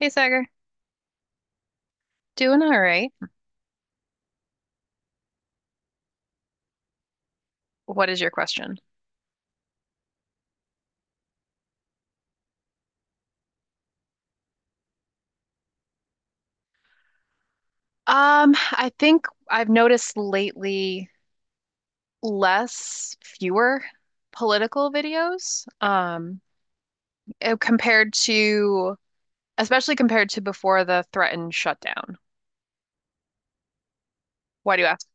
Hey, Sagar. Doing all right. What is your question? I think I've noticed lately fewer political videos, eh, compared to, especially compared to before the threatened shutdown. Why do you ask?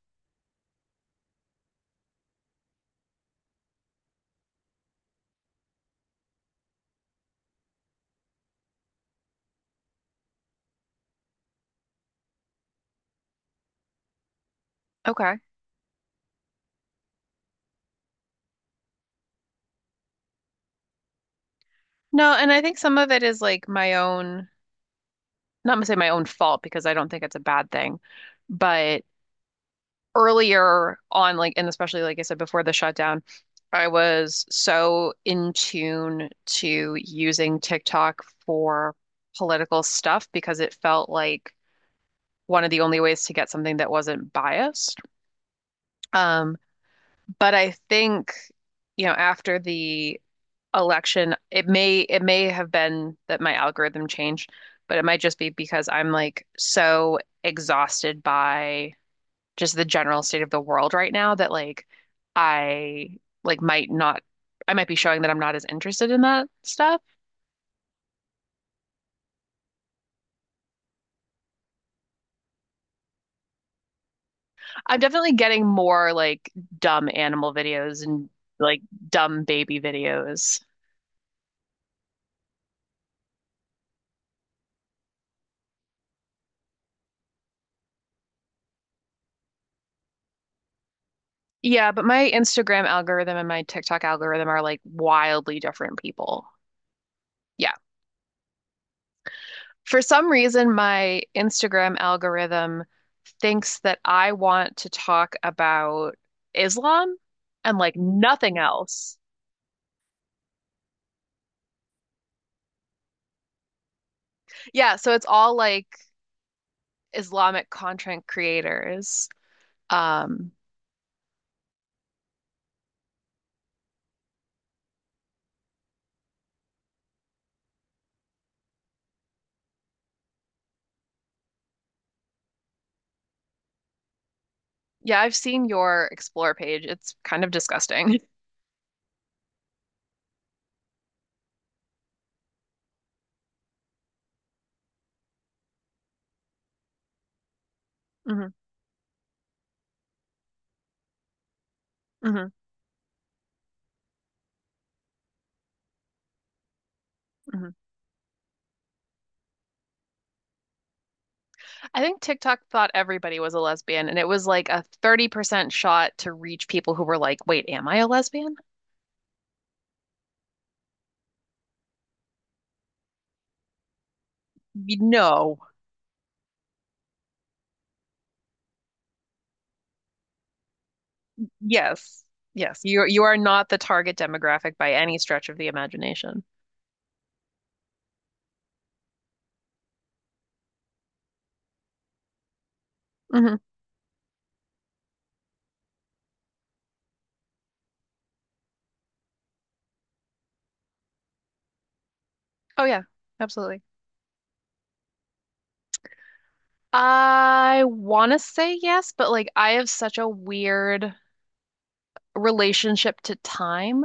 Okay. No, and I think some of it is like my own, not gonna say my own fault because I don't think it's a bad thing, but earlier on, like, and especially like I said before the shutdown, I was so in tune to using TikTok for political stuff because it felt like one of the only ways to get something that wasn't biased. Um, but I think, you know, after the election, it may have been that my algorithm changed, but it might just be because I'm like so exhausted by just the general state of the world right now that I like might not I might be showing that I'm not as interested in that stuff. I'm definitely getting more like dumb animal videos and like dumb baby videos. Yeah, but my Instagram algorithm and my TikTok algorithm are like wildly different people. Yeah. For some reason, my Instagram algorithm thinks that I want to talk about Islam and like nothing else. Yeah, so it's all like Islamic content creators. Um, yeah, I've seen your explore page. It's kind of disgusting. hmm hmm hmm I think TikTok thought everybody was a lesbian, and it was like a 30% shot to reach people who were like, "Wait, am I a lesbian?" Y- No. Yes. Yes. You are not the target demographic by any stretch of the imagination. hmm Oh yeah, absolutely. I want to say yes, but like I have such a weird relationship to time.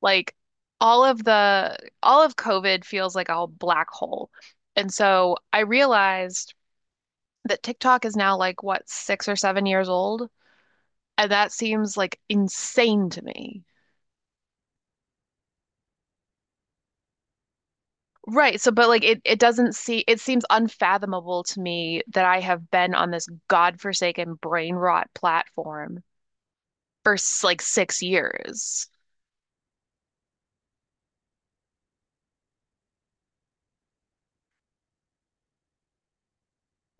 Like all of the all of COVID feels like a black hole. And so I realized that TikTok is now like what, 6 or 7 years old? And that seems like insane to me. Right. So, but it doesn't it seems unfathomable to me that I have been on this godforsaken brain rot platform for like 6 years.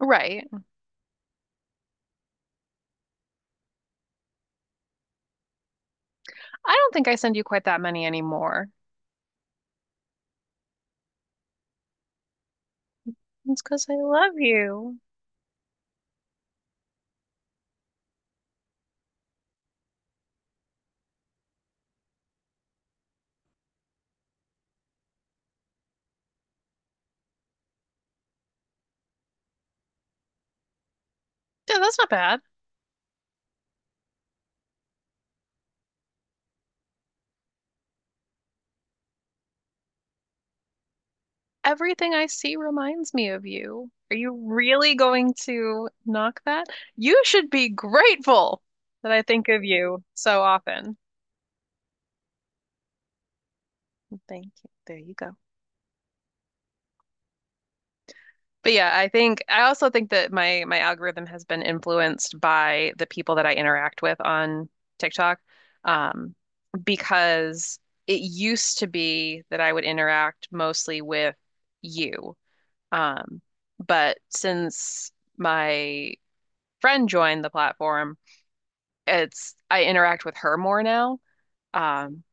Right. I don't think I send you quite that many anymore. It's because I love you. Yeah, that's not bad. Everything I see reminds me of you. Are you really going to knock that? You should be grateful that I think of you so often. Thank you. There you go. But yeah, I think I also think that my algorithm has been influenced by the people that I interact with on TikTok, um, because it used to be that I would interact mostly with you. Um, but since my friend joined the platform, it's I interact with her more now. Um,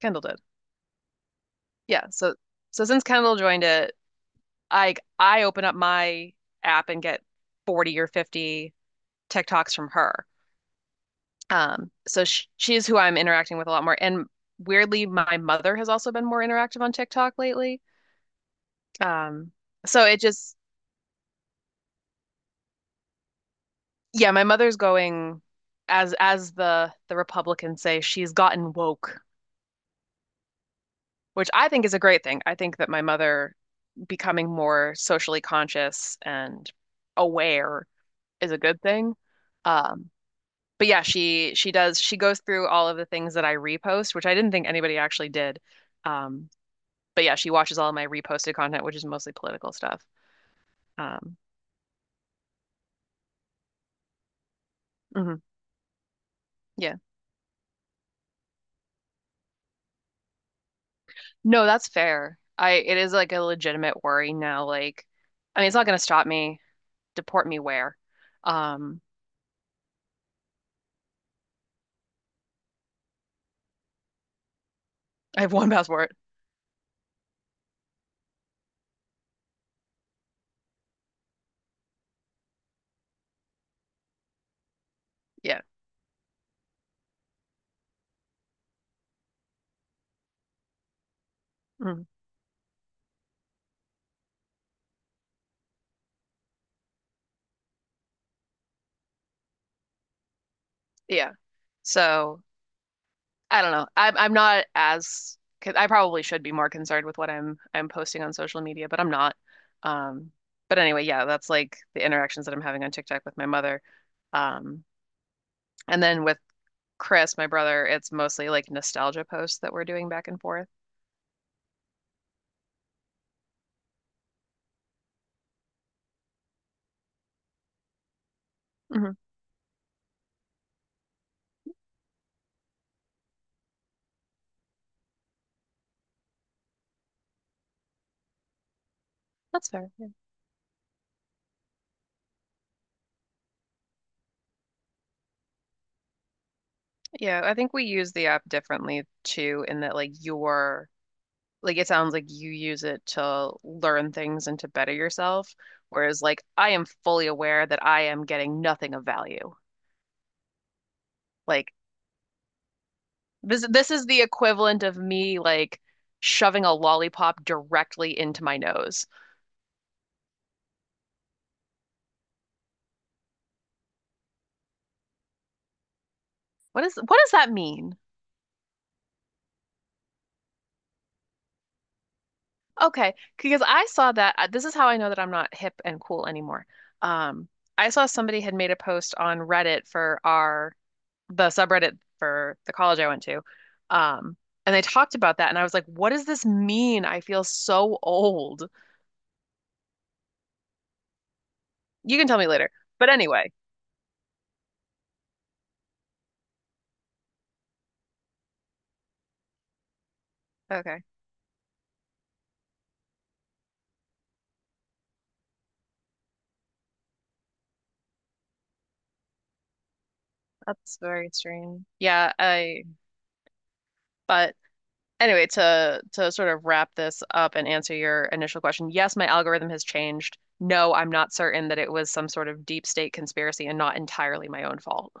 Kendall did. Yeah. So so since Kendall joined it, I open up my app and get 40 or 50 TikToks from her. So she's who I'm interacting with a lot more. And weirdly, my mother has also been more interactive on TikTok lately. Um, so it just, yeah, my mother's going as the Republicans say, she's gotten woke, which I think is a great thing. I think that my mother becoming more socially conscious and aware is a good thing. Um, but yeah, she goes through all of the things that I repost, which I didn't think anybody actually did. Um, but yeah, she watches all of my reposted content, which is mostly political stuff. Um, mhm, yeah, no, that's fair. I It is like a legitimate worry now. Like, I mean, it's not going to stop me. Deport me where? Um, I have one passport. Yeah, mhm, yeah. So I don't know. I'm not as 'cause I probably should be more concerned with what I'm posting on social media, but I'm not. Um, but anyway, yeah, that's like the interactions that I'm having on TikTok with my mother. Um, and then with Chris, my brother, it's mostly like nostalgia posts that we're doing back and forth. hmm That's fair. Yeah. Yeah, I think we use the app differently too, in that like you're like it sounds like you use it to learn things and to better yourself, whereas like I am fully aware that I am getting nothing of value. Like this is the equivalent of me like shoving a lollipop directly into my nose. What does that mean? Okay, because I saw that this is how I know that I'm not hip and cool anymore. Um, I saw somebody had made a post on Reddit for our the subreddit for the college I went to. Um, and they talked about that and I was like, what does this mean? I feel so old. You can tell me later. But anyway, okay. That's very strange. Yeah, I but Anyway, to sort of wrap this up and answer your initial question, yes, my algorithm has changed. No, I'm not certain that it was some sort of deep state conspiracy and not entirely my own fault.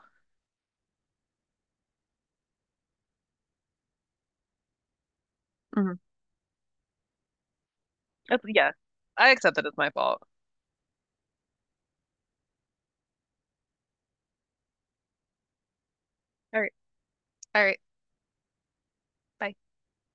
Mhm. Yeah, I accept that it's my fault. All right. All right. Bye.